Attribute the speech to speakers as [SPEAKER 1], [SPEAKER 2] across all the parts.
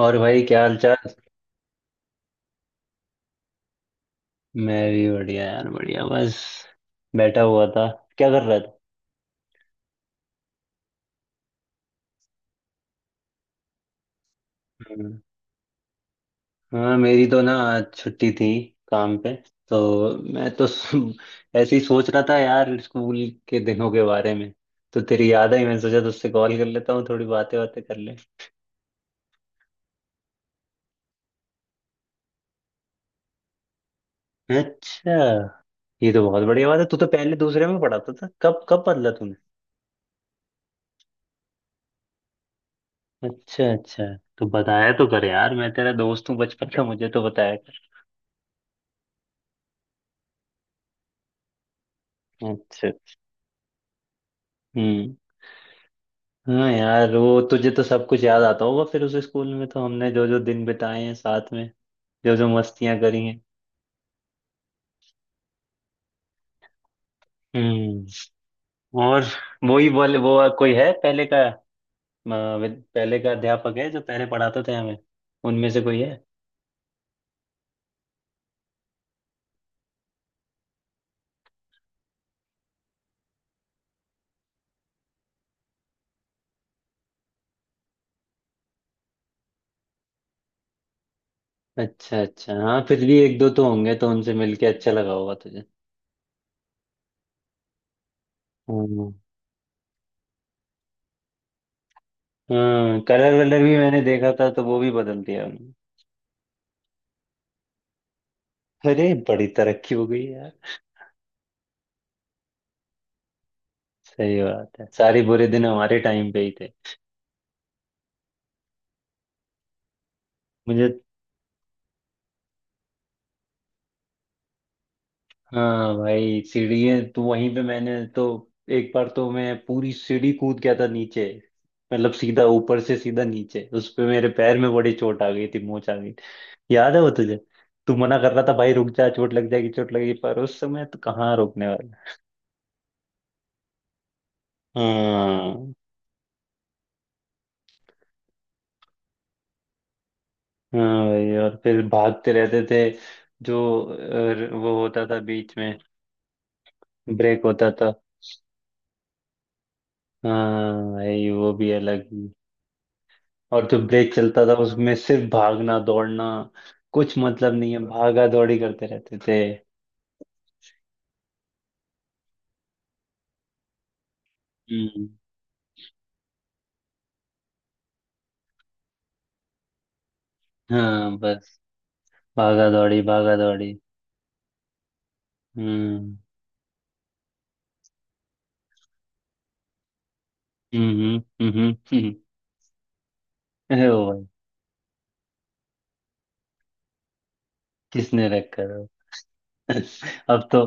[SPEAKER 1] और भाई क्या हाल चाल? मैं भी बढ़िया यार बढ़िया बस बैठा हुआ था। क्या कर रहा था? हम्म, हाँ मेरी तो ना आज छुट्टी थी काम पे। तो मैं तो ऐसे ही सोच रहा था यार स्कूल के दिनों के बारे में। तो तेरी याद आई मैंने सोचा तुझसे कॉल कर लेता हूँ थोड़ी बातें बातें कर ले। अच्छा। ये तो बहुत बढ़िया बात है। तू तो पहले दूसरे में पढ़ाता था कब कब बदला तूने? अच्छा अच्छा। तो बताया तो कर यार मैं तेरा दोस्त हूँ बचपन का मुझे तो बताया कर। अच्छा। हम्म। हाँ यार वो तुझे तो सब कुछ याद आता होगा, फिर उस स्कूल में तो हमने जो जो दिन बिताए हैं साथ में। जो जो मस्तियां करी हैं। हम्म। और वो ही बोले वो कोई है पहले का, पहले का अध्यापक है जो पहले पढ़ाते थे हमें। उनमें से कोई है? अच्छा अच्छा। हाँ फिर भी एक दो तो होंगे तो उनसे मिलके अच्छा लगा होगा तुझे। हम्म। हाँ कलर वलर भी मैंने देखा था तो वो भी बदल दिया उन्होंने। अरे बड़ी तरक्की हो गई यार। सही बात है सारे बुरे दिन हमारे टाइम पे ही थे। मुझे। हाँ भाई सीढ़ी तो वहीं पे मैंने तो एक बार तो मैं पूरी सीढ़ी कूद गया था नीचे। मतलब सीधा ऊपर से सीधा नीचे, उस पे मेरे पैर में बड़ी चोट आ गई थी मोच आ गई थी। याद है वो तुझे? तू मना कर रहा था भाई रुक जा चोट लग जाएगी चोट लगेगी, पर उस समय तो कहाँ रोकने वाला। हाँ। हाँ भाई और फिर भागते रहते थे। जो वो होता था बीच में, ब्रेक होता था। हाँ भाई वो भी अलग। और जो ब्रेक चलता था उसमें सिर्फ भागना दौड़ना, कुछ मतलब नहीं है भागा दौड़ी करते रहते थे। हम्म। हाँ बस भागा दौड़ी भागा दौड़ी। हम्म। हम्म। हम्म। हम्म अरे ओ भाई। किसने रखा था? अब तो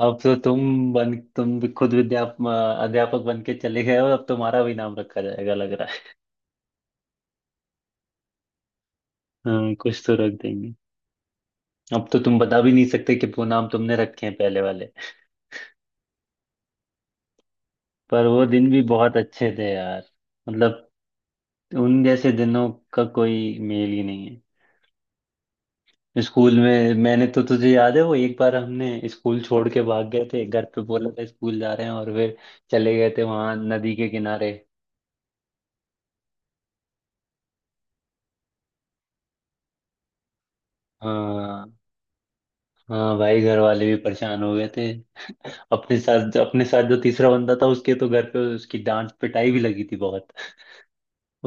[SPEAKER 1] अब तो तुम भी खुद विद्याप अध्यापक बन के चले गए हो, अब तुम्हारा भी नाम रखा जाएगा लग रहा है। हाँ कुछ तो रख देंगे। अब तो तुम बता भी नहीं सकते कि वो नाम तुमने रखे हैं पहले वाले। पर वो दिन भी बहुत अच्छे थे यार। मतलब उन जैसे दिनों का कोई मेल ही नहीं है। स्कूल में मैंने तो तुझे याद है वो एक बार हमने स्कूल छोड़ के भाग गए थे, घर पे बोला था स्कूल जा रहे हैं और फिर चले गए थे वहां नदी के किनारे। हाँ। हाँ भाई घर वाले भी परेशान हो गए थे। अपने साथ जो तीसरा बंदा था उसके तो घर पे उसकी डांट पिटाई भी लगी थी बहुत।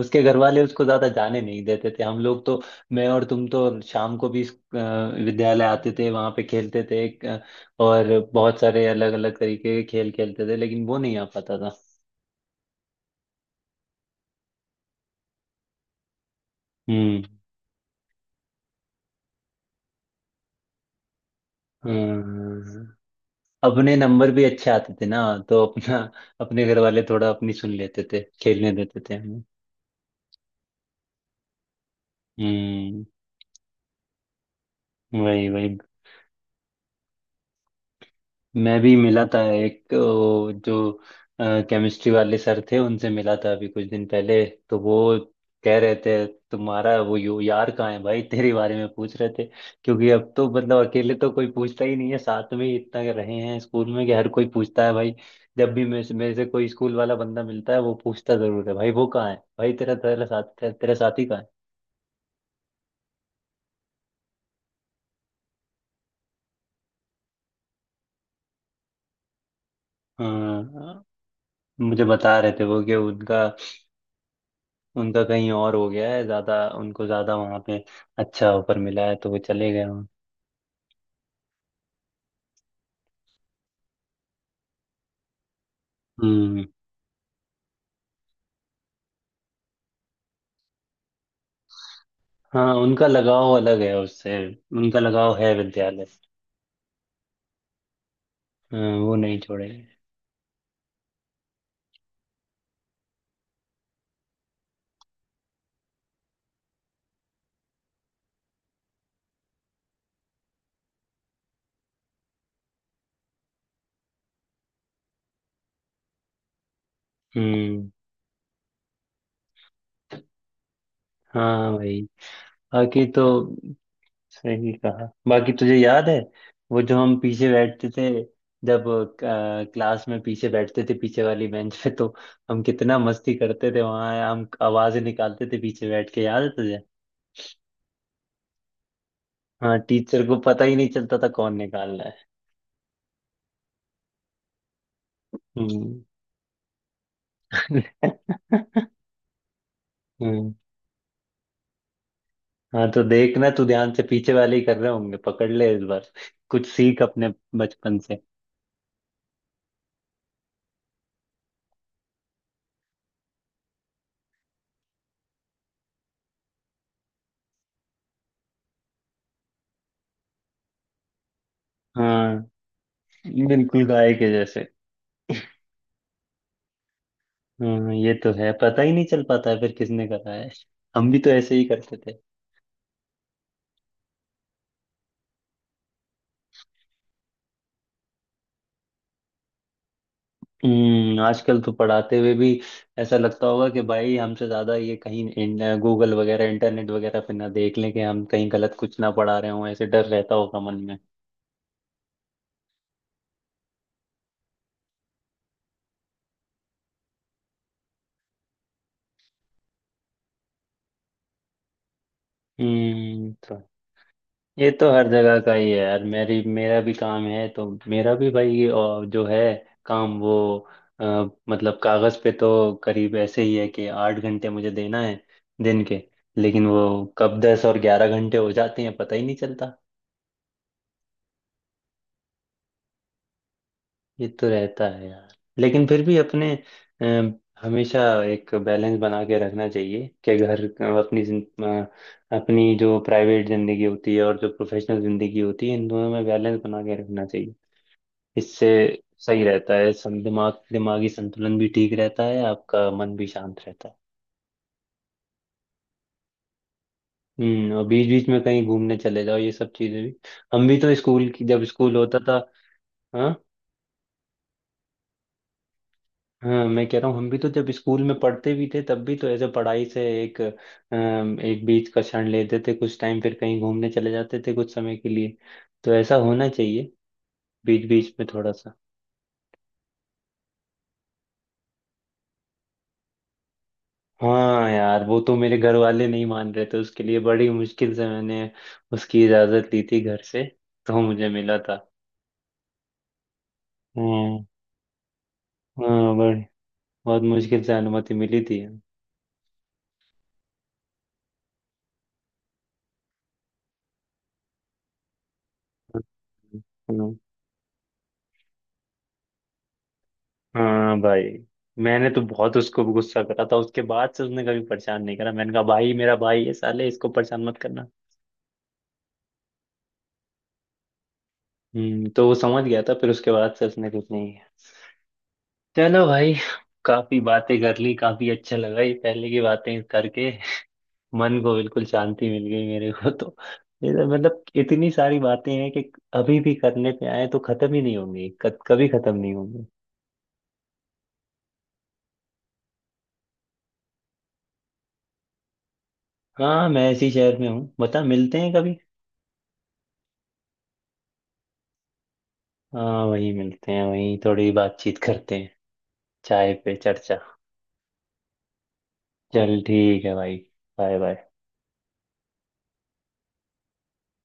[SPEAKER 1] उसके घर वाले उसको ज्यादा जाने नहीं देते थे हम लोग तो। मैं और तुम तो शाम को भी विद्यालय आते थे वहां पे खेलते थे, और बहुत सारे अलग अलग तरीके के खेल खेलते थे लेकिन वो नहीं आ पाता था। हम्म। हम्म। अपने नंबर भी अच्छे आते थे ना। तो अपना अपने घर वाले थोड़ा अपनी सुन लेते थे खेलने देते थे हमें। हम्म। वही वही। मैं भी मिला था एक जो केमिस्ट्री वाले सर थे उनसे मिला था अभी कुछ दिन पहले। तो वो कह रहे थे तुम्हारा वो यो यार कहाँ है भाई। तेरे बारे में पूछ रहे थे। क्योंकि अब तो मतलब अकेले तो कोई पूछता ही नहीं है, साथ में ही इतना रहे हैं स्कूल में कि हर कोई पूछता है भाई। जब भी मेरे से कोई स्कूल वाला बंदा मिलता है वो पूछता जरूर है भाई वो कहाँ है भाई तेरा तेरा साथ तेरा साथी कहाँ है। हाँ। मुझे बता रहे थे वो कि उनका उनका कहीं और हो गया है, ज्यादा उनको ज्यादा वहां पे अच्छा ऑफर मिला है तो वो चले गए वहाँ। हम्म। हाँ उनका लगाव अलग है उससे, उनका लगाव है विद्यालय। हाँ, वो नहीं छोड़ेंगे। हम्म। हाँ भाई बाकी तो सही कहा। बाकी तुझे याद है वो जो हम पीछे बैठते थे जब क्लास में पीछे बैठते थे पीछे वाली बेंच पे, तो हम कितना मस्ती करते थे वहां, हम आवाजें निकालते थे पीछे बैठ के, याद है तुझे? हाँ टीचर को पता ही नहीं चलता था कौन निकाल रहा है। हम्म। हम्म, हाँ तो देखना तू ध्यान से पीछे वाले ही कर रहे होंगे, पकड़ ले इस बार। कुछ सीख अपने बचपन से। हाँ बिल्कुल गाय के जैसे। हम्म, ये तो है, पता ही नहीं चल पाता है फिर किसने करा है। हम भी तो ऐसे ही करते थे। हम्म, आजकल तो पढ़ाते हुए भी ऐसा लगता होगा कि भाई हमसे ज्यादा ये कहीं गूगल वगैरह इंटरनेट वगैरह पे ना देख लें कि हम कहीं गलत कुछ ना पढ़ा रहे हों, ऐसे डर रहता होगा मन में। हम्म। ये तो हर जगह का ही है यार, मेरी मेरा भी काम है तो। मेरा भी भाई ये, और जो है काम वो अ, मतलब कागज पे तो करीब ऐसे ही है कि आठ घंटे मुझे देना है दिन के। लेकिन वो कब दस और ग्यारह घंटे हो जाते हैं पता ही नहीं चलता। ये तो रहता है यार। लेकिन फिर भी अपने हमेशा एक बैलेंस बना के रखना चाहिए कि घर, अपनी अपनी जो प्राइवेट जिंदगी होती है और जो प्रोफेशनल जिंदगी होती है इन दोनों में बैलेंस बना के रखना चाहिए। इससे सही रहता है, सं दिमागी संतुलन भी ठीक रहता है, आपका मन भी शांत रहता है। हम्म। और बीच बीच में कहीं घूमने चले जाओ ये सब चीजें भी। हम भी तो स्कूल की, जब स्कूल होता था। हाँ। हाँ मैं कह रहा हूँ हम भी तो जब स्कूल में पढ़ते भी थे तब भी तो ऐसे पढ़ाई से एक बीच का क्षण लेते थे कुछ टाइम, फिर कहीं घूमने चले जाते थे कुछ समय के लिए। तो ऐसा होना चाहिए। बीच बीच में थोड़ा सा। हाँ यार वो तो मेरे घर वाले नहीं मान रहे थे, उसके लिए बड़ी मुश्किल से मैंने उसकी इजाजत ली थी घर से। तो मुझे मिला था। हाँ हाँ बड़ी बहुत मुश्किल से अनुमति मिली थी। हाँ। हाँ भाई मैंने तो बहुत उसको गुस्सा करा था, उसके बाद से उसने कभी परेशान नहीं करा, मैंने कहा भाई मेरा भाई है साले इसको परेशान मत करना। हम्म, तो वो समझ गया था फिर, उसके बाद से उसने कुछ नहीं किया। चलो भाई, काफी बातें कर ली, काफी अच्छा लगा ये पहले की बातें करके। मन को बिल्कुल शांति मिल गई मेरे को तो। ये तो मतलब इतनी सारी बातें हैं कि अभी भी करने पे आए तो खत्म ही नहीं होंगी, कभी खत्म नहीं होंगी। हाँ मैं इसी शहर में हूँ, बता मिलते हैं कभी। हाँ वहीं मिलते हैं, वहीं थोड़ी बातचीत करते हैं, चाय पे चर्चा। चल ठीक है भाई, बाय बाय।